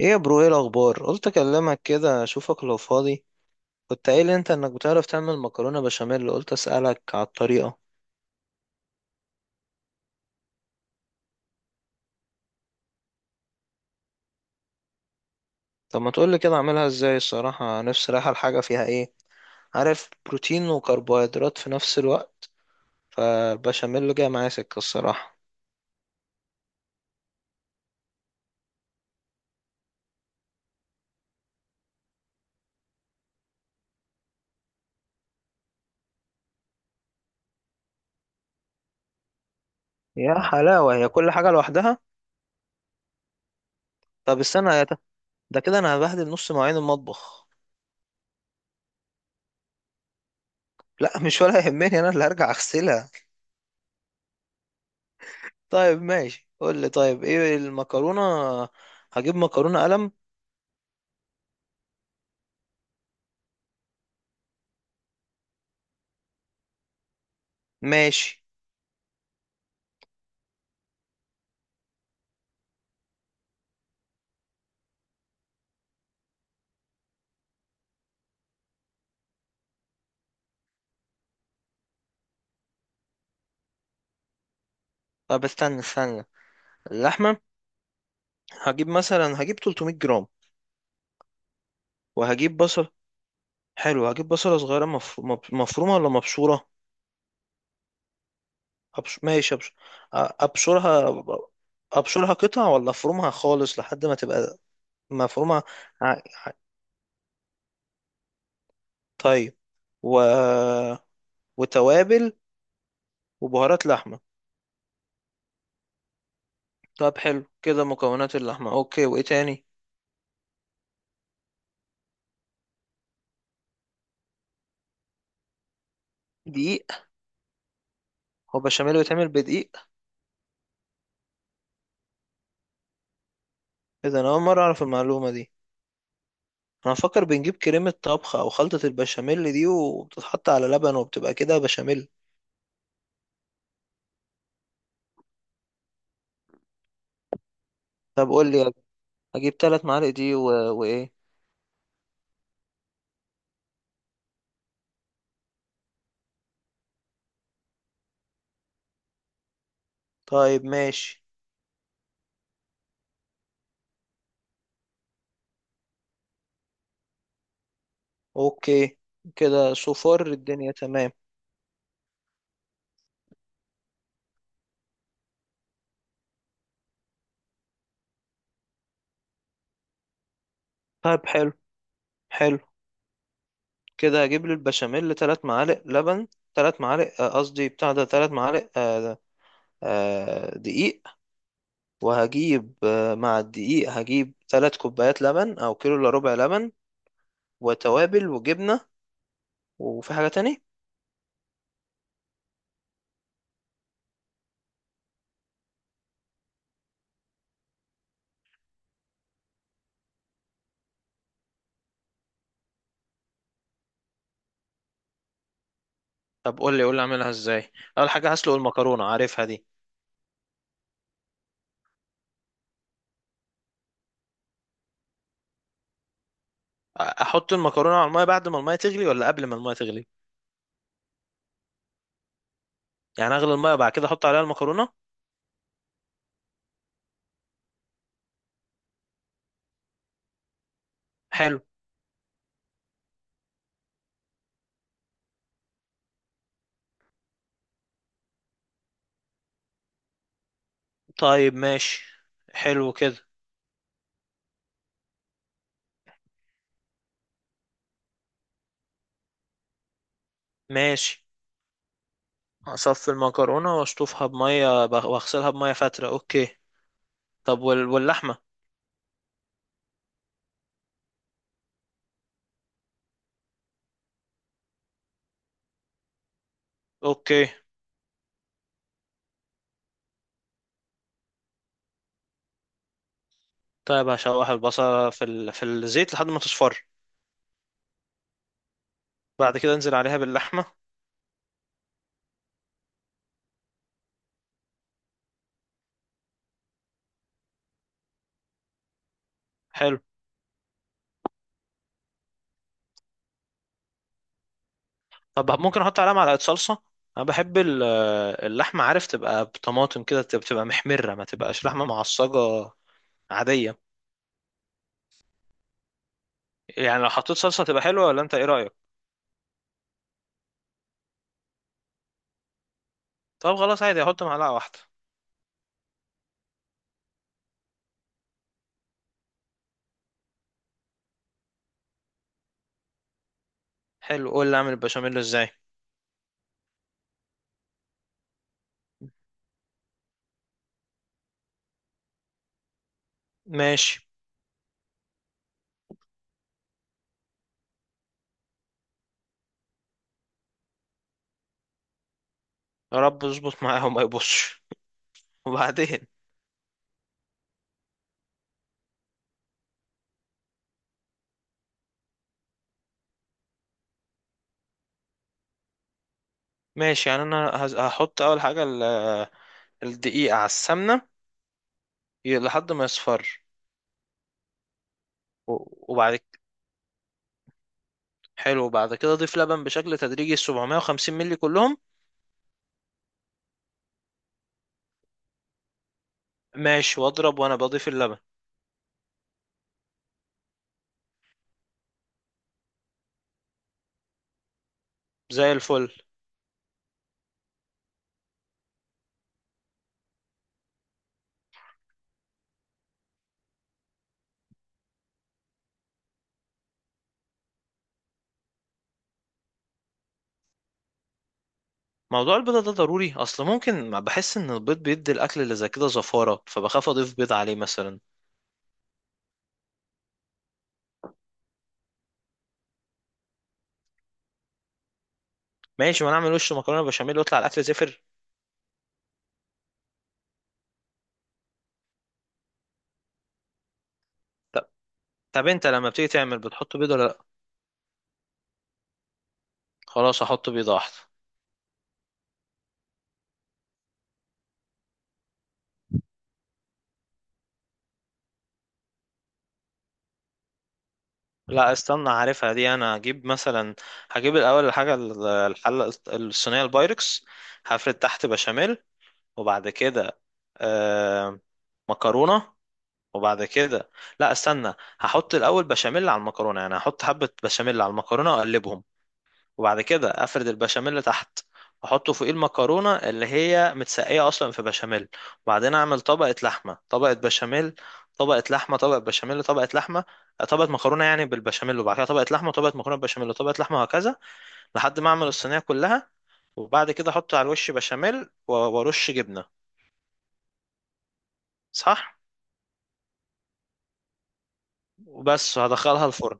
ايه يا برو، ايه الاخبار؟ قلت اكلمك كده اشوفك لو فاضي. كنت قايل انت انك بتعرف تعمل مكرونه بشاميل، قلت اسالك على الطريقه. طب ما تقولي كده اعملها ازاي؟ الصراحه نفسي رايحه، الحاجه فيها ايه؟ عارف، بروتين وكربوهيدرات في نفس الوقت، فالبشاميل جاي معايا سكه الصراحه. يا حلاوه، هي كل حاجه لوحدها؟ طب استنى ده كده انا هبهدل نص مواعين المطبخ. لا مش ولا يهمني، انا اللي هرجع اغسلها. طيب ماشي، قول لي، طيب ايه المكرونه؟ هجيب مكرونه قلم. ماشي. طب استنى استنى، اللحمة، هجيب مثلا هجيب 300 جرام. وهجيب بصل، حلو. هجيب بصلة صغيرة مفرومة ولا مبشورة؟ أبش... ماشي أبش... أ- أبشرها. أبشرها قطع ولا أفرمها خالص لحد ما تبقى مفرومة؟ ع... ع- طيب، و... وتوابل وبهارات لحمة. طب حلو كده، مكونات اللحمة أوكي، وإيه تاني؟ دقيق؟ هو بشاميل بيتعمل بدقيق؟ إذا أنا أول مرة أعرف المعلومة دي. انا مفكر بنجيب كريمة طبخ او خلطة البشاميل دي، وبتتحط على لبن وبتبقى كده بشاميل. طب قول لي، اجيب 3 معالق دي وايه؟ طيب ماشي. اوكي، كده صفار الدنيا تمام؟ طيب حلو، حلو. كده اجيب لي البشاميل 3 معالق لبن، 3 معالق قصدي بتاع ده 3 معالق، دقيق. وهجيب مع الدقيق هجيب 3 كوبايات لبن او كيلو الا ربع لبن، وتوابل وجبنة. وفي حاجة تانية؟ طب قول لي قول لي اعملها ازاي. اول حاجه هسلق المكرونه، عارفها دي. احط المكرونه على الميه بعد ما الميه تغلي ولا قبل ما الميه تغلي؟ يعني اغلي الميه بعد كده احط عليها المكرونه. حلو. طيب ماشي، حلو كده. ماشي، اصفي المكرونه واشطفها واغسلها بميه فاتره، اوكي. طب واللحمه؟ اوكي. طيب هشوح البصله في الزيت لحد ما تصفر. بعد كده انزل عليها باللحمه. حلو. طب ممكن احط عليها معلقه صلصه؟ انا بحب اللحمه، عارف، تبقى بطماطم كده، تبقى بتبقى محمره، ما تبقاش لحمه معصجه عاديه. يعني لو حطيت صلصه تبقى حلوه ولا انت ايه رايك؟ طب خلاص، عادي احط معلقه واحده. حلو، قول لي اعمل البشاميل ازاي. ماشي. يا رب اظبط معاه وما يبصش. وبعدين؟ ماشي، يعني انا هحط اول حاجه الدقيق على السمنه، لحد ما يصفر. و- وبعد ك- حلو، وبعد كده اضيف لبن بشكل تدريجي، 750 مللي كلهم. ماشي، واضرب وانا بضيف اللبن. زي الفل. موضوع البيضة ده ضروري؟ اصل ممكن ما بحس ان البيض بيدي الاكل اللي زي كده زفارة، فبخاف اضيف بيض عليه مثلا. ماشي، ما نعمل وش مكرونة بشاميل ويطلع الاكل زفر. طب، طب انت لما بتيجي تعمل بتحط بيضة ولا لا؟ خلاص احط بيضة واحدة. لا استنى، عارفها دي. انا هجيب مثلا، هجيب الاول الحاجة الحلة الصينية البايركس. هفرد تحت بشاميل، وبعد كده آه مكرونة، وبعد كده لا استنى، هحط الاول بشاميل على المكرونه، يعني هحط حبه بشاميل على المكرونه واقلبهم، وبعد كده افرد البشاميل تحت واحطه فوق المكرونه اللي هي متسقيه اصلا في بشاميل، وبعدين اعمل طبقه لحمه طبقه بشاميل، طبقه لحمه طبقه بشاميل طبقه لحمه، طبقه مكرونه يعني بالبشاميل، وبعد كده طبقه لحمه طبقه مكرونه بشاميل طبقه لحمه، وهكذا لحد ما اعمل الصينيه كلها. وبعد كده احط على الوش بشاميل وارش جبنه. صح؟ وبس، وهدخلها الفرن.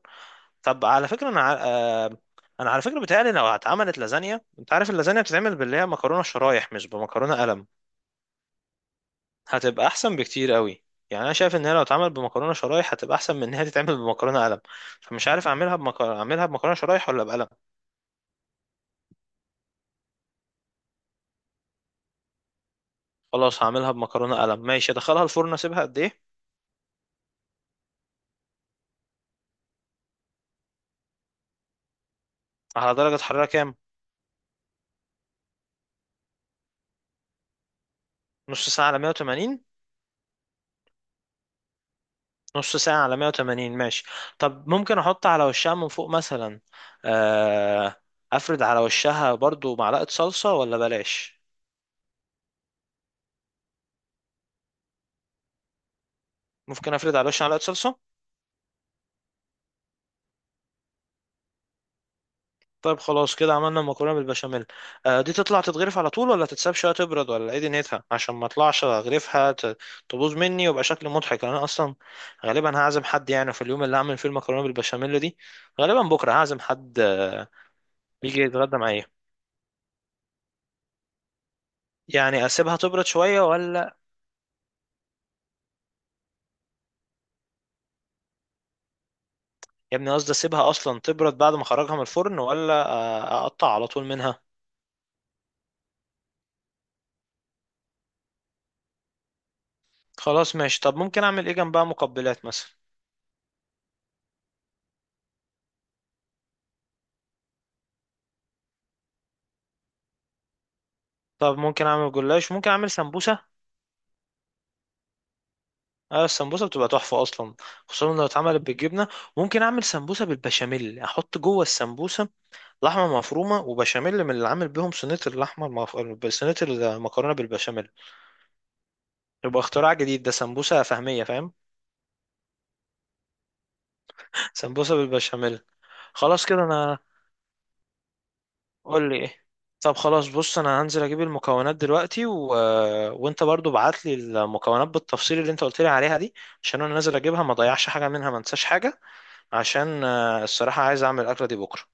طب على فكرة انا انا على فكرة بتهيألي لو اتعملت لازانيا، انت عارف اللازانيا بتتعمل باللي هي مكرونة شرايح مش بمكرونة قلم، هتبقى احسن بكتير قوي. يعني انا شايف ان هي لو اتعمل بمكرونة شرايح هتبقى احسن من ان هي تتعمل بمكرونة قلم. فمش عارف اعملها اعملها بمكرونة شرايح ولا بقلم. خلاص هعملها بمكرونة قلم. ماشي، ادخلها الفرن اسيبها قد ايه؟ على درجة حرارة كام؟ نص ساعة على 180؟ نص ساعة على 180 ماشي. طب ممكن احط على وشها من فوق مثلا، آه، افرد على وشها برضو معلقة صلصة ولا بلاش؟ ممكن افرد على وشها معلقة صلصة. طيب خلاص، كده عملنا المكرونة بالبشاميل. دي تطلع تتغرف على طول ولا تتساب شوية تبرد ولا ايه دنيتها، عشان ما اطلعش اغرفها تبوظ مني ويبقى شكل مضحك. انا اصلا غالبا هعزم حد يعني في اليوم اللي هعمل فيه المكرونة بالبشاميل دي، غالبا بكرة هعزم حد يجي يتغدى معايا. يعني اسيبها تبرد شوية ولا؟ يا ابني قصدي اسيبها اصلا تبرد بعد ما اخرجها من الفرن ولا اقطع على طول منها؟ خلاص ماشي. طب ممكن اعمل ايه جنبها، مقبلات مثلا؟ طب ممكن اعمل جلاش، ممكن اعمل سمبوسه. اه السمبوسه بتبقى تحفه اصلا، خصوصا لو اتعملت بالجبنه. ممكن اعمل سمبوسه بالبشاميل، احط جوه السمبوسه لحمه مفرومه وبشاميل من اللي عامل بيهم صينيه صينيه المكرونه بالبشاميل. يبقى اختراع جديد ده، سمبوسه فهميه، فاهم؟ سمبوسه بالبشاميل. خلاص كده انا، قول لي ايه. طب خلاص بص، انا هنزل اجيب المكونات دلوقتي، وانت برضو بعت لي المكونات بالتفصيل اللي انت قلت لي عليها دي، عشان انا نازل اجيبها ما اضيعش حاجه منها ما انساش حاجه، عشان الصراحه عايز اعمل الاكله دي بكره.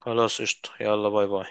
خلاص قشطه، يلا باي باي.